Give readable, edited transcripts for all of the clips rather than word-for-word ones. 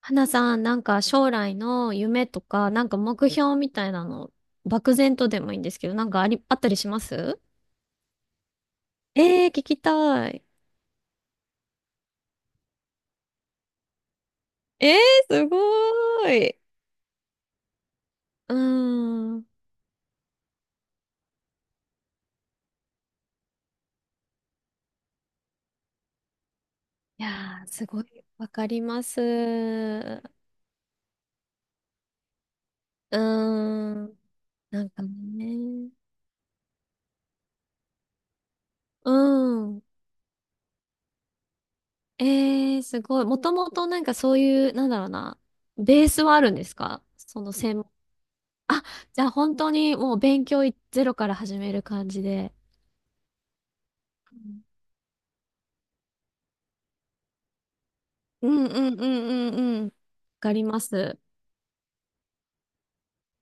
花さん、なんか将来の夢とか、なんか目標みたいなの、漠然とでもいいんですけど、なんかあり、あったりします？ええー、聞きたい。ええー、すごーい。うーん。いやー、すごい、わかります。うーん。なんかね。うん。ええー、すごい。もともとなんかそういう、なんだろうな、ベースはあるんですか、その専門。あ、じゃあ本当にもう勉強いゼロから始める感じで。うんうんうんうんうん。わかります。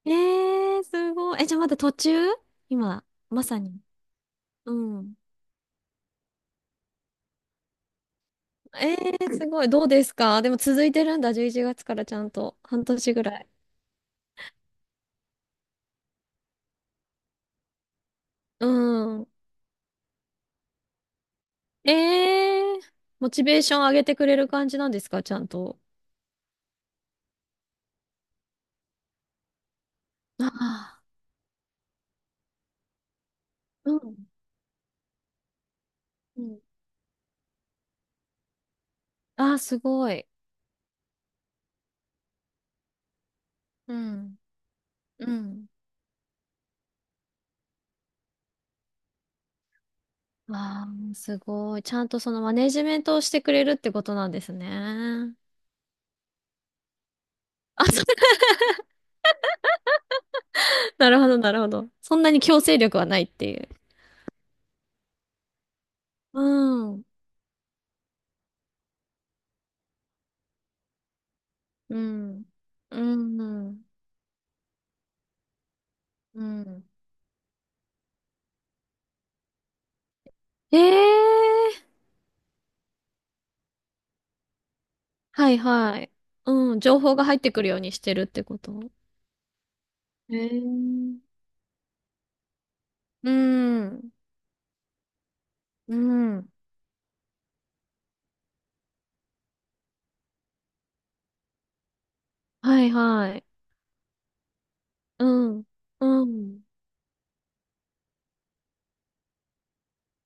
えー、すごい。え、じゃあまだ途中、今、まさに。うん。えー、すごい。どうですか、でも続いてるんだ。11月からちゃんと。半年ぐらい。うん。えー、モチベーション上げてくれる感じなんですか、ちゃんと。ああ、うん。うん。ああ、すごい。うん。うん。ああ、すごい。ちゃんとそのマネジメントをしてくれるってことなんですね。あ、そう。 なるほど、なるほど。そんなに強制力はないっていう。うん。うん。うん。うん。ええー。はいはい。うん。情報が入ってくるようにしてるってこと？ええー。うん。うん。はいはい。うん。うん。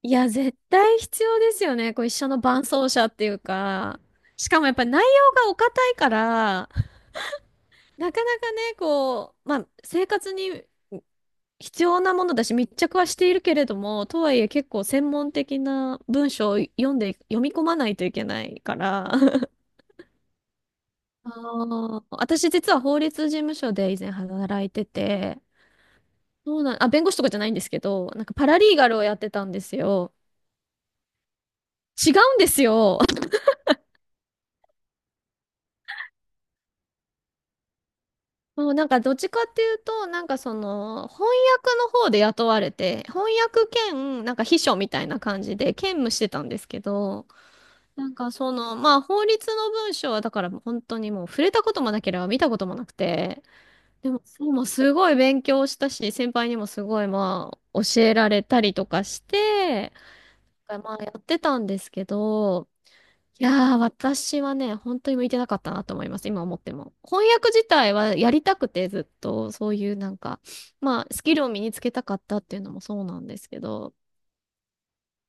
いや、絶対必要ですよね。こう一緒の伴走者っていうか。しかもやっぱり内容がお堅いから、なかなかね、こう、まあ、生活に必要なものだし密着はしているけれども、とはいえ結構専門的な文章を読んで、読み込まないといけないから。あー、私実は法律事務所で以前働いてて、そうなん、あ、弁護士とかじゃないんですけど、なんかパラリーガルをやってたんですよ。違うんですよ。もうなんかどっちかっていうと、なんかその翻訳の方で雇われて、翻訳兼なんか秘書みたいな感じで兼務してたんですけど、なんかその、まあ法律の文章はだから本当にもう触れたこともなければ見たこともなくて、でも、すごい勉強したし、先輩にもすごい、まあ教えられたりとかして、まあやってたんですけど、いやー、私はね、本当に向いてなかったなと思います、今思っても。翻訳自体はやりたくてずっと、そういうなんか、まあスキルを身につけたかったっていうのもそうなんですけど、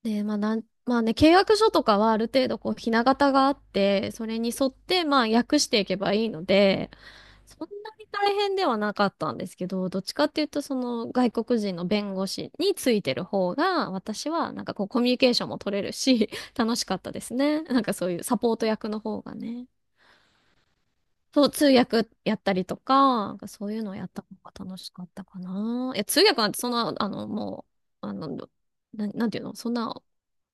で、まあなん、まあね、契約書とかはある程度こう、ひな形があって、それに沿って、まあ、訳していけばいいので、そんなに大変ではなかったんですけど、どっちかっていうと、その外国人の弁護士についてる方が、私はなんかこう、コミュニケーションも取れるし、楽しかったですね。なんかそういうサポート役の方がね。そう、通訳やったりとか、なんかそういうのをやった方が楽しかったかな。いや、通訳なんてそんな、あの、もう、あの、なんていうの、そんな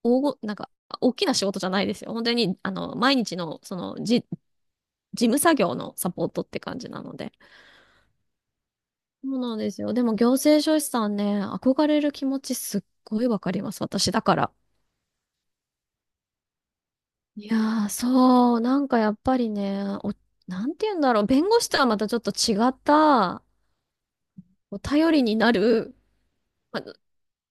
なんか、大きな仕事じゃないですよ。本当に、あの、毎日の、その、事務作業のサポートって感じなので。そうなんですよ。でも、行政書士さんね、憧れる気持ちすっごいわかります。私だから。いやー、そう、なんかやっぱりね、なんて言うんだろう、弁護士とはまたちょっと違った、お頼りになる、まあ、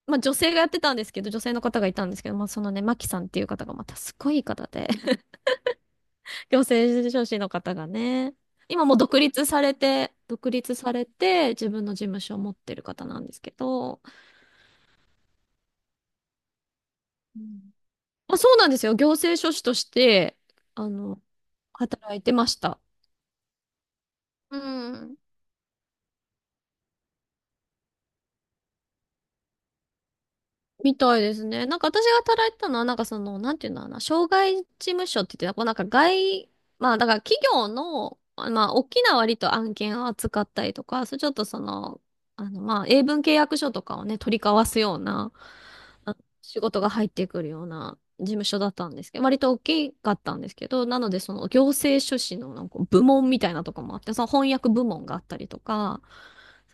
まあ、女性がやってたんですけど、女性の方がいたんですけど、まあそのね、マキさんっていう方がまたすごいいい方で、行政書士の方がね。今もう独立されて、独立されて、自分の事務所を持ってる方なんですけど、うん。あ、そうなんですよ。行政書士として、あの、働いてました。うん。みたいですね。なんか私が働いてたのは、なんかその、なんていうんだろうな、障害事務所って言って、こうなんか外、まあだから企業の、まあ大きな割と案件を扱ったりとか、それちょっとその、あのまあ英文契約書とかをね、取り交わすような、あ仕事が入ってくるような事務所だったんですけど、割と大きかったんですけど、なのでその行政書士のなんか部門みたいなとこもあって、その翻訳部門があったりとか、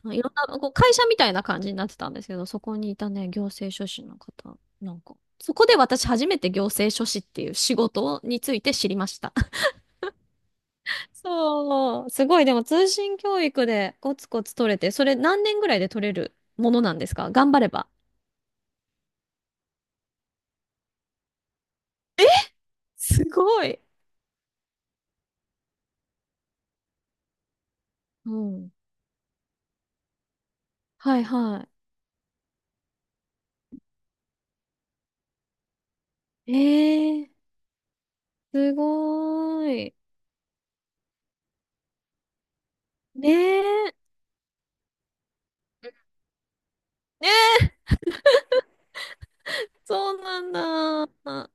そのいろんな、こう会社みたいな感じになってたんですけど、そこにいたね、行政書士の方、なんか、そこで私初めて行政書士っていう仕事について知りました。そう、すごい、でも通信教育でコツコツ取れて、それ何年ぐらいで取れるものなんですか、頑張れば。すごい。うん。はいはい。えー、すごい。ねえ。ねえ、そうなんだ。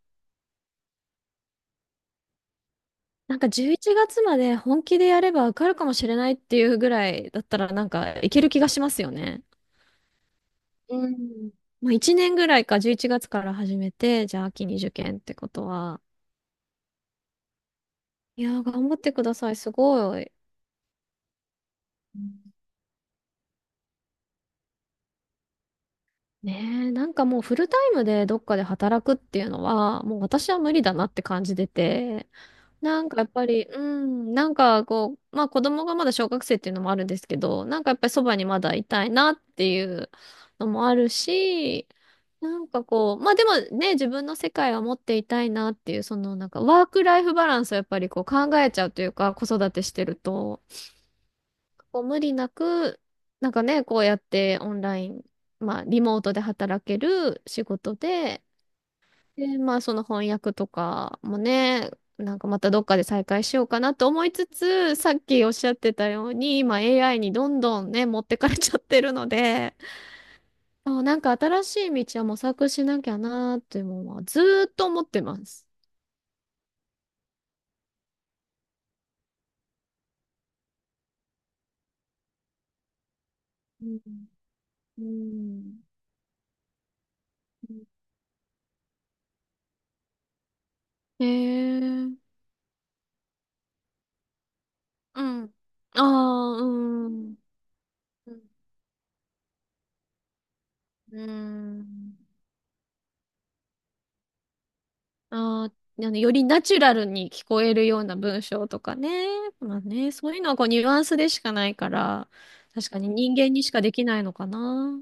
なんか11月まで本気でやれば受かるかもしれないっていうぐらいだったら、なんかいける気がしますよね。うん。まあ1年ぐらいか、11月から始めて、じゃあ秋に受験ってことは。いやー、頑張ってください。すごい。ねえ、なんかもうフルタイムでどっかで働くっていうのは、もう私は無理だなって感じてて、なんかやっぱり、うん、なんかこう、まあ子供がまだ小学生っていうのもあるんですけど、なんかやっぱりそばにまだいたいなっていうのもあるし、なんかこう、まあでもね、自分の世界は持っていたいなっていう、そのなんかワークライフバランスをやっぱりこう考えちゃうというか、子育てしてると。こう無理なく、なんかね、こうやってオンライン、まあ、リモートで働ける仕事で、で、まあ、その翻訳とかもね、なんかまたどっかで再開しようかなと思いつつ、さっきおっしゃってたように、今 AI にどんどんね、持ってかれちゃってるので、そう、なんか新しい道は模索しなきゃなーっていうのはずーっと思ってます。うん。うん。へえ。うん。ああ、うん。うん。うーん。あー、あの、よりナチュラルに聞こえるような文章とかね。まあね、そういうのはこうニュアンスでしかないから、確かに人間にしかできないのかな。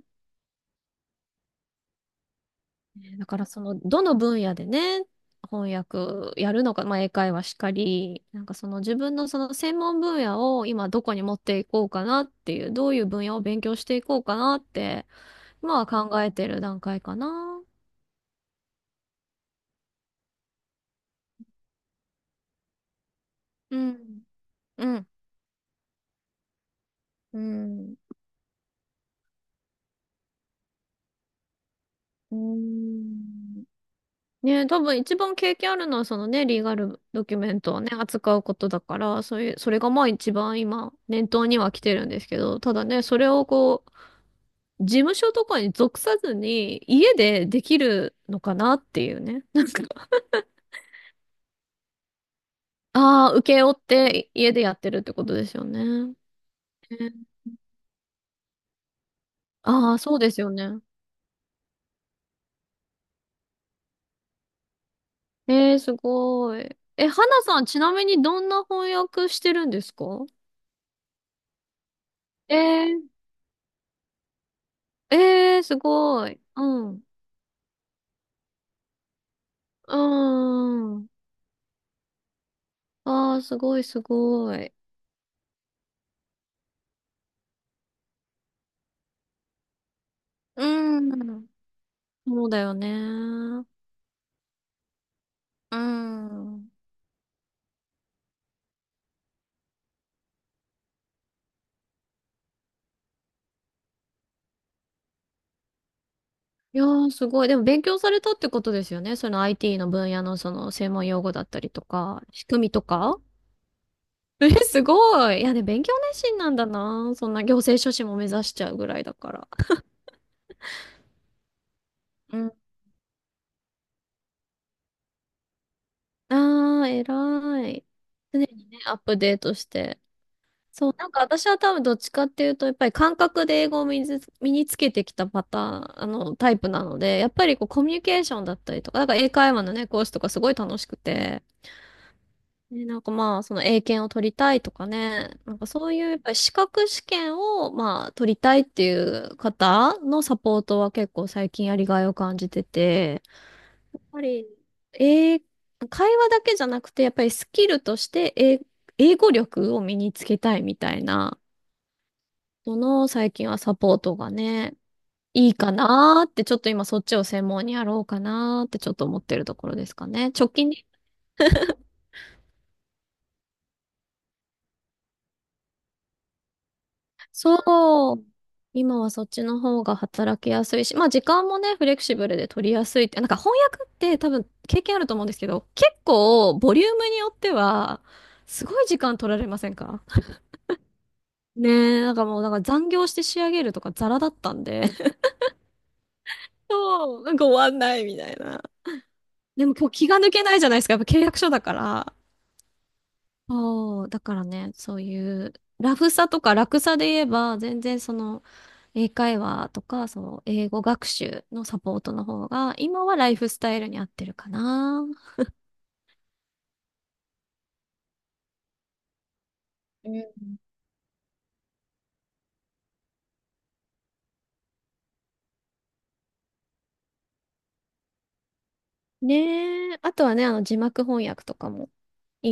ね、だからその、どの分野でね、翻訳やるのか、まあ英会話しかり、なんかその自分のその専門分野を今どこに持っていこうかなっていう、どういう分野を勉強していこうかなって、今は考えてる段階かな。うん。うん。うん。うーん、ねえ、多分一番経験あるのはそのね、リーガルドキュメントをね、扱うことだから、そういう、それがまあ一番今、念頭には来てるんですけど、ただね、それをこう、事務所とかに属さずに、家でできるのかなっていうね。なんか、ああ、請け負って家でやってるってことですよね。ね、ああー、そうですよね。えー、すごい。え、花さん、ちなみにどんな翻訳してるんですか？えー、えー、すごい。うん。うーん。ああ、すごいすごい。うん。そうだよね。うん。いやー、すごい。でも勉強されたってことですよね。その IT の分野のその専門用語だったりとか、仕組みとか。え、すごい。いや、ね、勉強熱心なんだな。そんな行政書士も目指しちゃうぐらいだから。うん、あー、偉い。常にね、アップデートして。そう、なんか私は多分どっちかっていうと、やっぱり感覚で英語を身につけてきたパターン、あの、タイプなので、やっぱりこうコミュニケーションだったりとか、なんか英会話のね、講師とかすごい楽しくて、ね、なんかまあ、その英検を取りたいとかね、なんかそういうやっぱり資格試験をまあ、取りたいっていう方のサポートは結構最近やりがいを感じてて、やっぱり、英会話だけじゃなくて、やっぱりスキルとして英語力を身につけたいみたいな、その最近はサポートがね、いいかなーって、ちょっと今そっちを専門にやろうかなーってちょっと思ってるところですかね。直近に、そう、今はそっちの方が働きやすいし、まあ時間もね、フレキシブルで取りやすいって、なんか翻訳って多分経験あると思うんですけど、結構ボリュームによっては、すごい時間取られませんか？ ねえ、なんかもうなんか残業して仕上げるとかザラだったんで、そう、なんか終わんないみたいな。でも今日気が抜けないじゃないですか、やっぱ契約書だから。そう、だからね、そういう、ラフさとか楽さで言えば、全然その、英会話とか、その、英語学習のサポートの方が、今はライフスタイルに合ってるかな。うん、ねえ、あとはね、あの、字幕翻訳とかもいいね